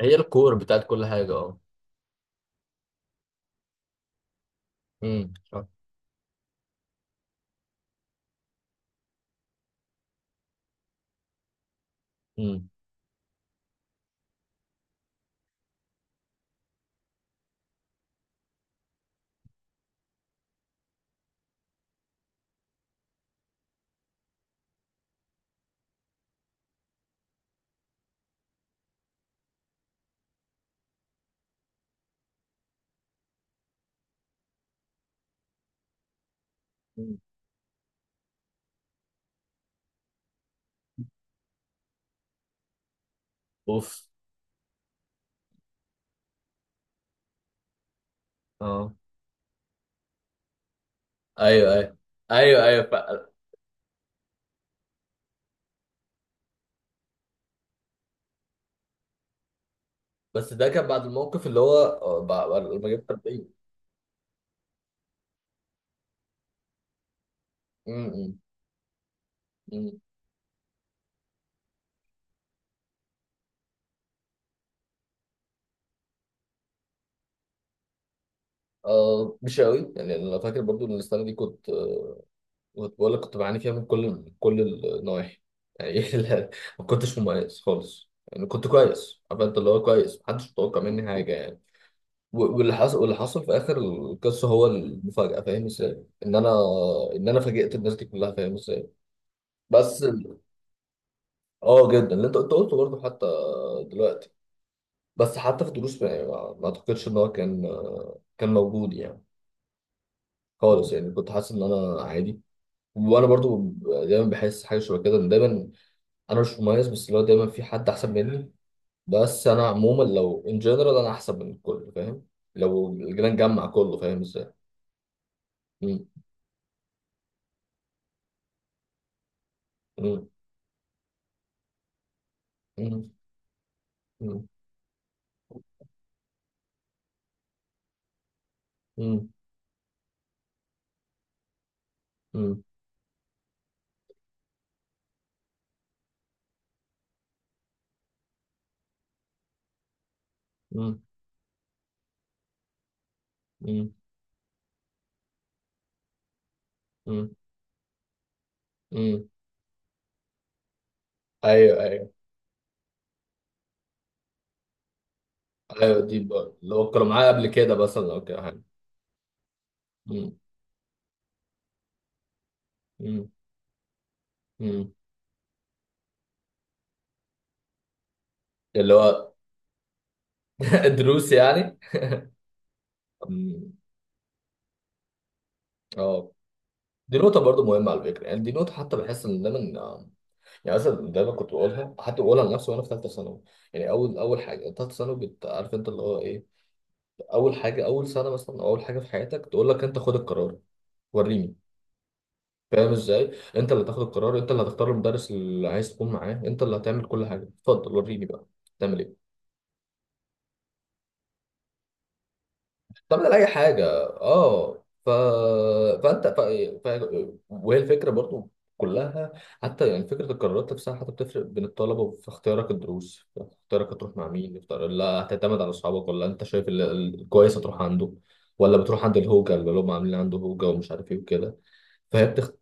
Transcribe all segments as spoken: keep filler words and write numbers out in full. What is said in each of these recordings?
هي الكور بتاعت كل حاجة. اه. امم صح. امم. مم. اوف. اه. ايوه، ايوه. ايوه ايوه فعلا. بس ده كان بعد الموقف اللي هو آه، بعد بعد لما جبت أربعين. امم. امم. آه مش قوي يعني، انا فاكر برضو ان السنه دي كنت، آه، كنت بقول لك كنت بعاني فيها من كل من كل النواحي، يعني لا، ما كنتش مميز خالص، يعني كنت كويس، عارف انت اللي هو كويس، محدش متوقع مني حاجه يعني. و- واللي حصل واللي حصل في اخر القصه هو المفاجاه، فاهم ازاي؟ ان انا، ان انا فاجئت الناس دي كلها، فاهم ازاي؟ بس ال- اه جدا، اللي انت انت قلته برضه حتى دلوقتي. بس حتى في الدروس، ما ما ما اعتقدش ان هو كان، كان موجود يعني خالص، يعني كنت حاسس ان انا عادي. وانا برضو دايما بحس حاجه شبه كده، ان دايما انا مش مميز، بس اللي هو دايما في حد احسن مني. بس انا عموما لو ان جنرال انا احسن من الكل، فاهم؟ لو جينا نجمع كله، فاهم ازاي؟ مم. مم. مم. مم. مم. مم. مم. مم. مم. مم. ايوه، ايوه، ايوه. دي ب- لو كانوا معايا قبل كده مثلا، او كده حاجه. مم. مم. مم. اللي هو دروس يعني. مم. اه، دي نقطة برضو مهمة على فكرة، يعني دي نقطة حتى بحس ان دايما، آه، يعني مثلا دايما كنت بقولها، حتى بقولها لنفسي وانا في ثالثة ثانوي، يعني اول اول حاجة ثالثة ثانوي، بت- عارف انت اللي هو ايه؟ اول حاجة، اول سنة مثلا، أو اول حاجة في حياتك تقول لك انت خد القرار، وريني، فاهم ازاي؟ انت اللي تاخد القرار، انت اللي هتختار المدرس اللي عايز تكون معاه، انت اللي هتعمل كل حاجه، اتفضل وريني بقى تعمل ايه؟ تعمل اي حاجه. اه. ف... فانت ف... ف... وهي الفكره برضو كلها، حتى يعني فكره القرارات نفسها، حتى بتفرق بين الطلبه، في اختيارك الدروس، في اختيارك هتروح مع مين، اختيار... لا، هتعتمد على اصحابك، ولا انت شايف ال- ال- الكويس هتروح عنده، ولا بتروح عند الهوجه اللي هم عاملين عنده هوجه، ومش عارف ايه وكده. فهي بتخت...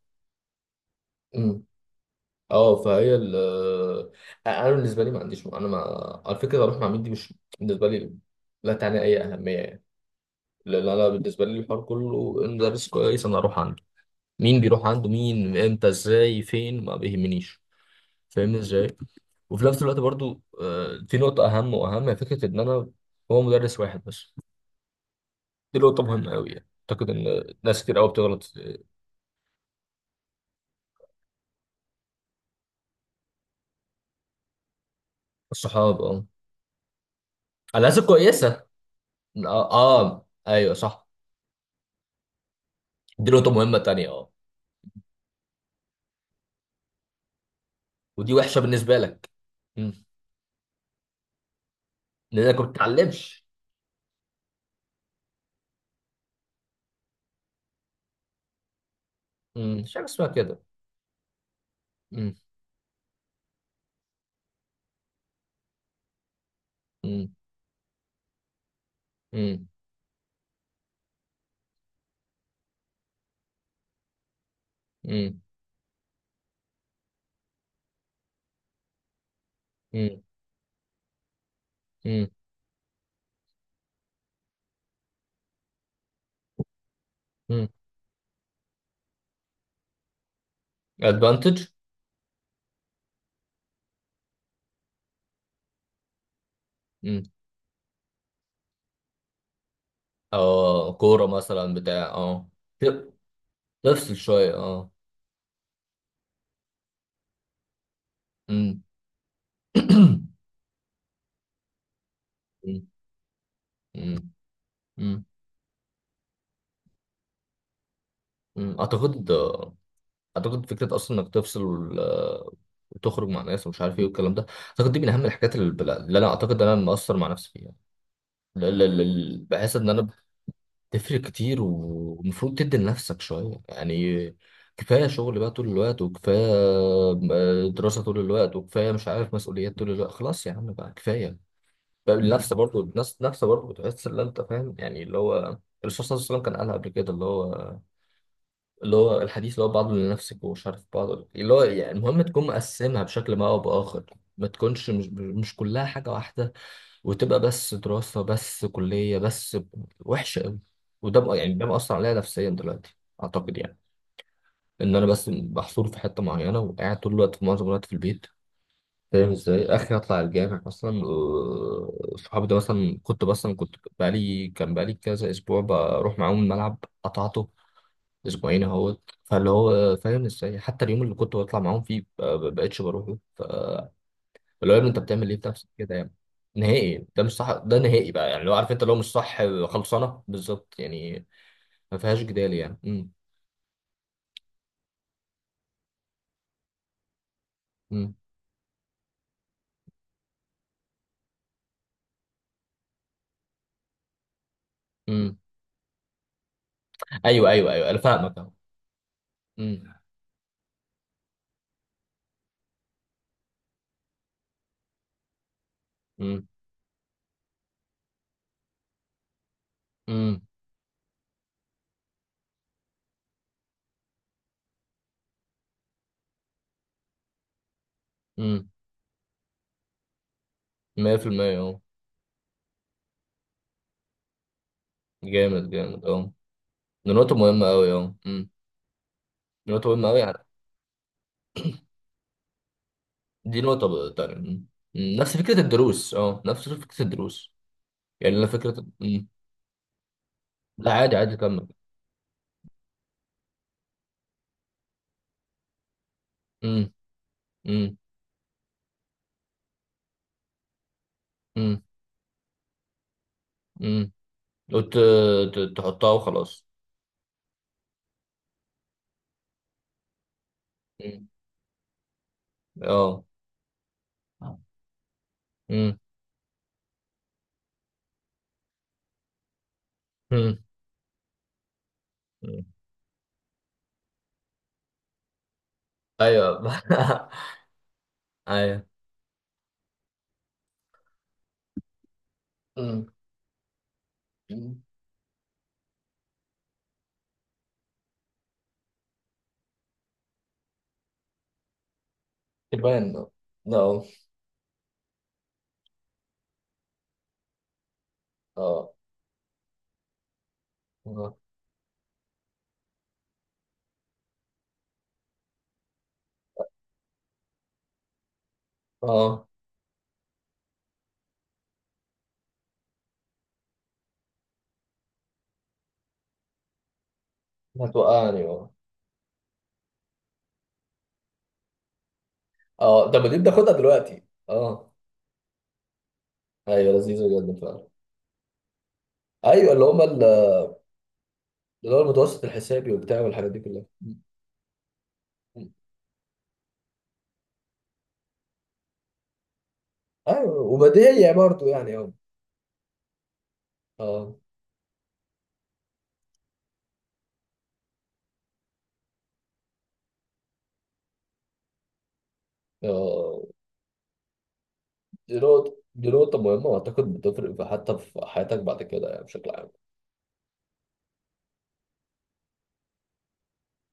اه فهي ال انا بالنسبه لي ما عنديش، انا ما على فكره اروح مع مين، دي مش بالنسبه لي، لا تعني اي اهميه يعني. لان انا بالنسبه لي، الحوار كله المدرس كويس انا اروح عنده، مين بيروح عنده، مين امتى، ازاي، فين، ما بيهمنيش، فاهمني ازاي؟ وفي نفس الوقت برضو، آه، في نقطه اهم واهم، هي فكره ان انا، هو مدرس واحد بس، دي نقطه مهمه قوي، يعني اعتقد ان ناس كتير قوي بتغلط في الصحاب، اه. على اساس كويسه. اه، آه، ايوه صح. دي نقطه مهمه تانيه اه. ودي وحشه بالنسبه لك. مم. لانك ما بتتعلمش. مم. مش حاجه اسمها كده. مم. مم. مم. مم. مم. مم. مم. advantage. مم. اه كوره مثلا بتاع اه. ت- تفصل شويه اه. مم. مم. مم. مم. مم. اعتقد، اعتقد فكره اصلا انك تفصل، آه، وتخرج مع ناس ومش عارف ايه والكلام ده، اعتقد دي من اهم الحاجات اللي، اللي انا اعتقد انا مقصر مع نفسي فيها. لا- لا- لا- بحس ان انا تفرق كتير، ومفروض تدي لنفسك شوية يعني. كفاية شغل بقى طول الوقت، وكفاية آه، دراسة طول الوقت، وكفاية مش عارف مسؤوليات طول الوقت، خلاص يا عم بقى كفاية. بقى النفس برضه، النفس نفسه برضه بتحس ان انت فاهم يعني، اللي هو الرسول صلى الله عليه وسلم كان قالها قبل كده، اللي هو، اللي هو الحديث اللي هو، بعضه لنفسك، ومش عارف، بعضه اللي هو، يعني المهم تكون مقسمها بشكل ما او باخر. ما تكونش مش، مش كلها حاجة واحدة. وتبقى بس دراسة، بس كلية، بس ب- وحشة أوي. وده بقى يعني ده مأثر عليا نفسيا دلوقتي، أعتقد يعني، إن أنا بس محصور في حتة معينة، وقاعد طول الوقت، في معظم الوقت في البيت، فاهم إزاي؟ آخر أطلع الجامع أصلا، و- صحابي ده مثلا، كنت مثلا كنت بقالي، كان بقالي كذا أسبوع بروح معاهم الملعب. قطعته أسبوعين أهوت. فاللي هو فاهم إزاي حتى اليوم اللي كنت بطلع معاهم فيه، ب- ب- بقيتش بروحه. اللي هو يا ابني انت بتعمل ايه في نفسك كده يا ابني؟ نهائي ده مش صح. ده نهائي بقى، يعني لو عارف انت لو مش صح، خلصانه بالظبط يعني، ما فيهاش جدال يعني. امم. امم. امم. ايوه ايوه ايوه، انا فاهمك اهو. امم. امم. امم. امم. مية في المية اهو. جامد جامد اهو. دي نقطه مهمه قوي اهو، امم. دي نقطه مهمه قوي يعني. دي نقطه بقى تانية، امم. امم. نفس فكره الدروس اه، نفس فكره الدروس. يعني انا فكره، امم. لا عادي عادي كمل. امم. امم. امم. امم. وت- ت- تحطها وخلاص. امم. اه. امم. امم. أمم. ايوه ايوه. امم. تبان. اه. اه. اه. اه. هتوقعني اه. اه، طب ما دي بناخدها دلوقتي. اه. ايوه لذيذه جدا فعلا. ايوه اللي هم ال- اللي هو المتوسط الحسابي وبتاع والحاجات دي كلها. أمم. ايوه وبديهية برضه يعني. اه. اه. اه. دي نقطة، دي نقطة مهمة، وأعتقد بتفرق في- حتى في حياتك بعد كده يعني بشكل عام.